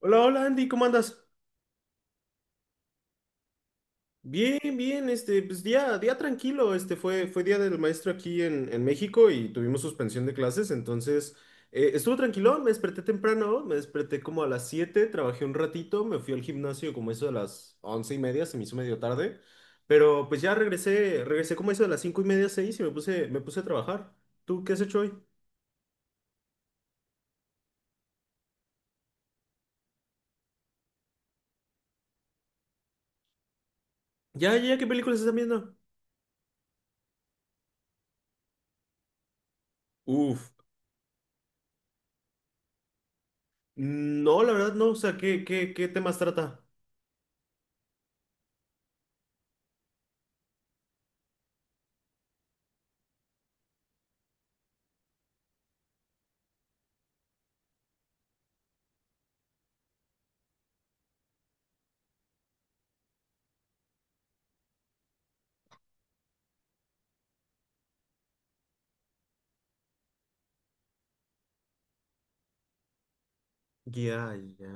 Hola, hola Andy, ¿cómo andas? Bien, bien, pues día tranquilo, fue día del maestro aquí en México y tuvimos suspensión de clases, entonces estuvo tranquilo, me desperté temprano, me desperté como a las 7, trabajé un ratito, me fui al gimnasio como eso de las 11:30, se me hizo medio tarde, pero pues ya regresé como eso de las 5:30, 6 y me puse a trabajar. ¿Tú qué has hecho hoy? Ya, ya, ¿qué películas están viendo? Uf, no, la verdad no, o sea, ¿qué temas trata? Ya, ya.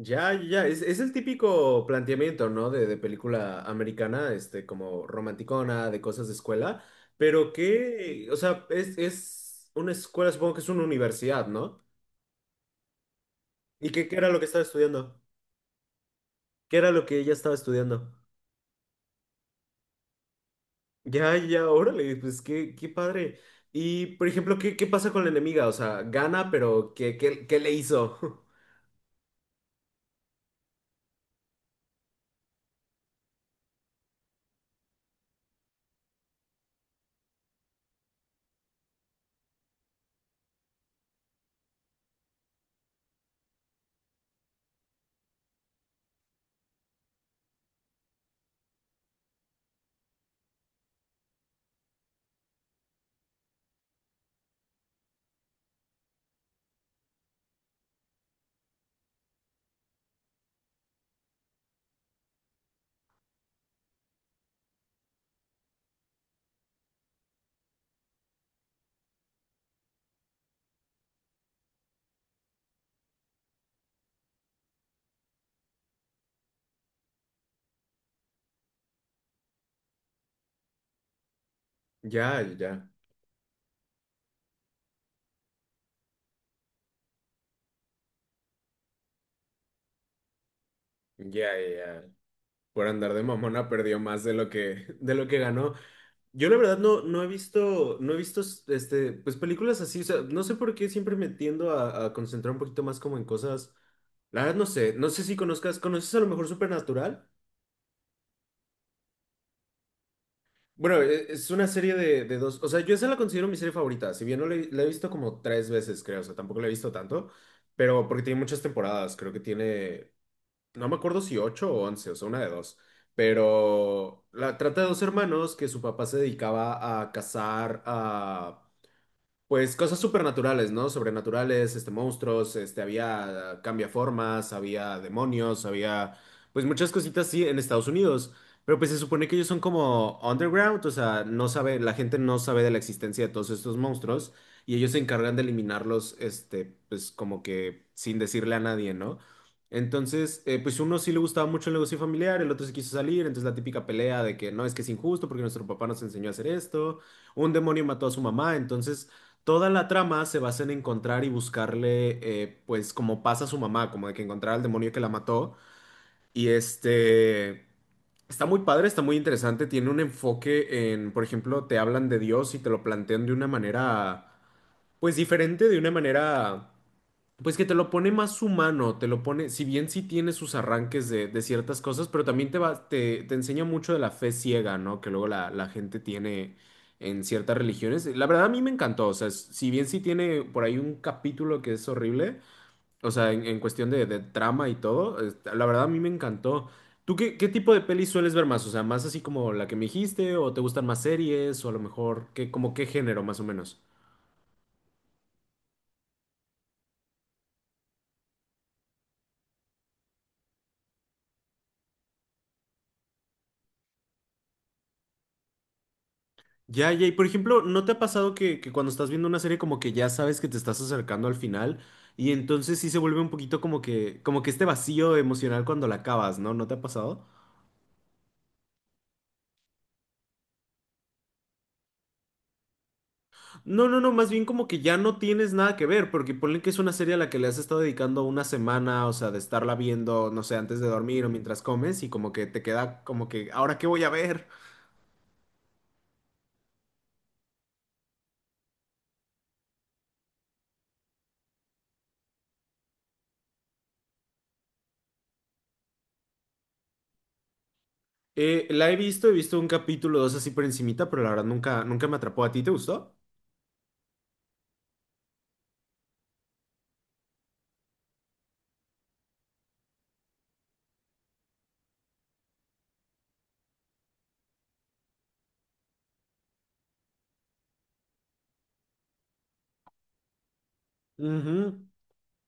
Ya, ya, es el típico planteamiento, ¿no? De película americana, como romanticona, de cosas de escuela, pero que, o sea, es una escuela, supongo que es una universidad, ¿no? ¿Y qué era lo que estaba estudiando? ¿Qué era lo que ella estaba estudiando? Ya, ya, órale, pues qué padre. Y, por ejemplo, ¿qué pasa con la enemiga? O sea, gana, pero ¿qué le hizo? Ya, ya, ya, ya. Por andar de mamona perdió más de lo que ganó. Yo la verdad no he visto pues películas así, o sea, no sé por qué siempre me tiendo a concentrar un poquito más como en cosas. La verdad no sé si conozcas, ¿conoces a lo mejor Supernatural? Bueno, es una serie de dos, o sea, yo esa la considero mi serie favorita, si bien no la, he la he visto como tres veces, creo, o sea, tampoco la he visto tanto, pero porque tiene muchas temporadas, creo que tiene, no me acuerdo si ocho o 11, o sea, una de dos, pero la trata de dos hermanos que su papá se dedicaba a cazar a pues cosas supernaturales, ¿no? Sobrenaturales, monstruos, había cambiaformas, había demonios, había, pues muchas cositas, sí, en Estados Unidos. Pero pues se supone que ellos son como underground, o sea, la gente no sabe de la existencia de todos estos monstruos y ellos se encargan de eliminarlos, pues como que sin decirle a nadie, ¿no? Entonces, pues uno sí le gustaba mucho el negocio familiar, el otro se quiso salir, entonces la típica pelea de que no, es que es injusto porque nuestro papá nos enseñó a hacer esto, un demonio mató a su mamá, entonces... Toda la trama se basa en encontrar y buscarle, pues, como pasa a su mamá, como de que encontrar al demonio que la mató. Y este... Está muy padre, está muy interesante. Tiene un enfoque en, por ejemplo, te hablan de Dios y te lo plantean de una manera, pues diferente, de una manera. Pues que te lo pone más humano, te lo pone, si bien sí tiene sus arranques de ciertas cosas, pero también te enseña mucho de la fe ciega, ¿no? Que luego la gente tiene en ciertas religiones. La verdad a mí me encantó, o sea, si bien sí tiene por ahí un capítulo que es horrible, o sea, en cuestión de trama y todo, la verdad a mí me encantó. ¿Tú qué tipo de pelis sueles ver más? O sea, más así como la que me dijiste, o te gustan más series, o a lo mejor, como qué género más o menos? Ya, ya, y por ejemplo, ¿no te ha pasado que cuando estás viendo una serie como que ya sabes que te estás acercando al final y entonces sí se vuelve un poquito como que este vacío emocional cuando la acabas, ¿no? ¿No te ha pasado? No, no, no, más bien como que ya no tienes nada que ver, porque ponle que es una serie a la que le has estado dedicando una semana, o sea, de estarla viendo, no sé, antes de dormir o mientras comes y como que te queda como que, ¿ahora qué voy a ver? La he visto un capítulo o dos así por encimita, pero la verdad nunca, nunca me atrapó. ¿A ti te gustó? Ujú.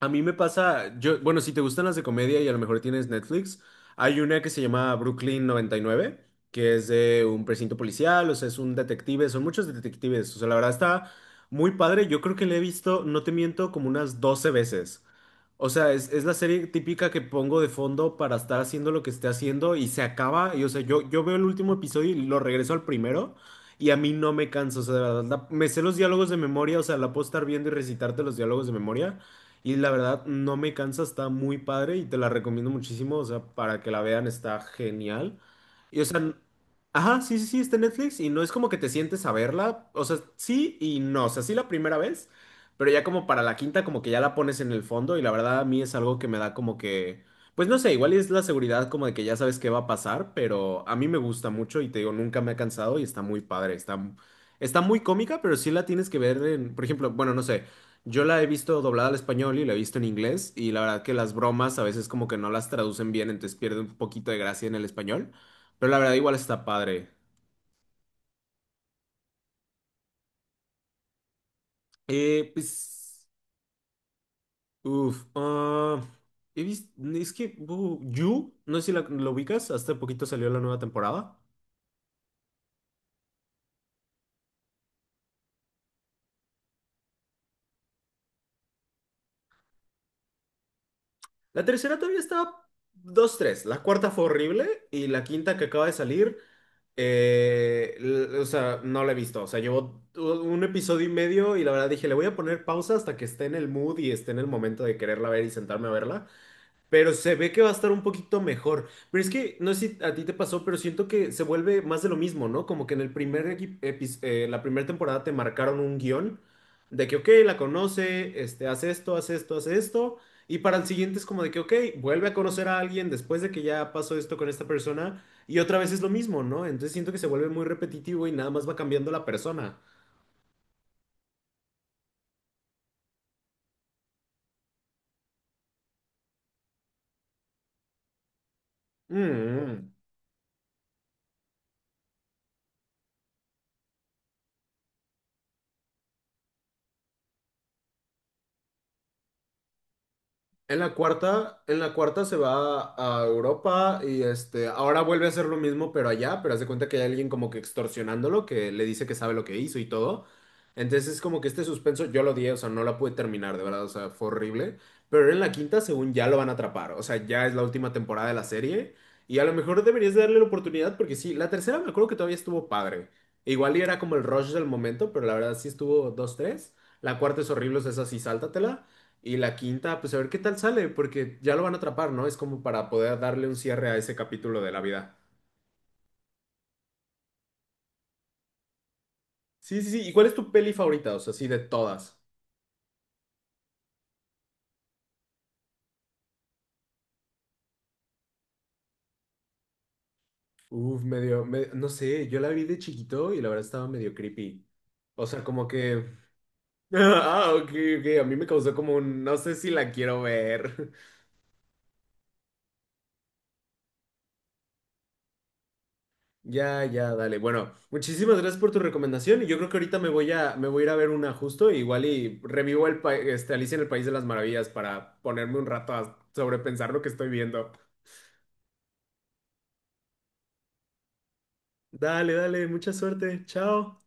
A mí me pasa, bueno, si te gustan las de comedia y a lo mejor tienes Netflix, hay una que se llama Brooklyn 99, que es de un precinto policial, o sea, es un detective, son muchos detectives, o sea, la verdad está muy padre, yo creo que la he visto, no te miento, como unas 12 veces. O sea, es la serie típica que pongo de fondo para estar haciendo lo que esté haciendo y se acaba, y o sea, yo veo el último episodio y lo regreso al primero. Y a mí no me canso, o sea, de verdad, me sé los diálogos de memoria, o sea, la puedo estar viendo y recitarte los diálogos de memoria. Y la verdad, no me cansa, está muy padre y te la recomiendo muchísimo. O sea, para que la vean, está genial. Y o sea, ajá, sí, sí, sí, está en Netflix y no es como que te sientes a verla. O sea, sí y no. O sea, sí la primera vez, pero ya como para la quinta, como que ya la pones en el fondo. Y la verdad, a mí es algo que me da como que. Pues no sé, igual es la seguridad como de que ya sabes qué va a pasar, pero a mí me gusta mucho y te digo, nunca me ha cansado y está muy padre. Está muy cómica, pero sí la tienes que ver en, por ejemplo, bueno, no sé. Yo la he visto doblada al español y la he visto en inglés y la verdad que las bromas a veces como que no las traducen bien, entonces pierde un poquito de gracia en el español, pero la verdad igual está padre. Pues, uff, he visto, es que You, no sé si lo ubicas, hasta poquito salió la nueva temporada. La tercera todavía está dos tres, la cuarta fue horrible y la quinta que acaba de salir. O sea, no la he visto. O sea, llevo un episodio y medio y la verdad dije, le voy a poner pausa hasta que esté en el mood y esté en el momento de quererla ver y sentarme a verla. Pero se ve que va a estar un poquito mejor. Pero es que, no sé si a ti te pasó, pero siento que se vuelve más de lo mismo, ¿no? Como que en el primer la primera temporada te marcaron un guión de que, ok, la conoce, hace esto, hace esto, hace esto. Y para el siguiente es como de que, ok, vuelve a conocer a alguien después de que ya pasó esto con esta persona. Y otra vez es lo mismo, ¿no? Entonces siento que se vuelve muy repetitivo y nada más va cambiando la persona. Mm. Mm. En la cuarta se va a Europa y ahora vuelve a hacer lo mismo, pero allá, pero hace cuenta que hay alguien como que extorsionándolo, que le dice que sabe lo que hizo y todo. Entonces es como que este suspenso yo lo odié, o sea, no la pude terminar, de verdad, o sea, fue horrible. Pero en la quinta, según ya lo van a atrapar, o sea, ya es la última temporada de la serie y a lo mejor deberías darle la oportunidad porque sí, la tercera me acuerdo que todavía estuvo padre. Igual y era como el rush del momento, pero la verdad sí estuvo dos tres. La cuarta es horrible, o sea, esa sí, sáltatela. Y la quinta, pues a ver qué tal sale, porque ya lo van a atrapar, ¿no? Es como para poder darle un cierre a ese capítulo de la vida. Sí, sí, sí. ¿Y cuál es tu peli favorita? O sea, sí, de todas. Uf, medio, no sé, yo la vi de chiquito y la verdad estaba medio creepy. O sea, como que... Ah, ok, ok, a mí me causó como un... No sé si la quiero ver. Ya, ya, dale. Bueno, muchísimas gracias por tu recomendación. Y yo creo que ahorita me voy a ir a ver una justo, igual y revivo el Alicia en el País de las Maravillas para ponerme un rato a sobrepensar lo que estoy viendo. Dale, dale, mucha suerte. Chao.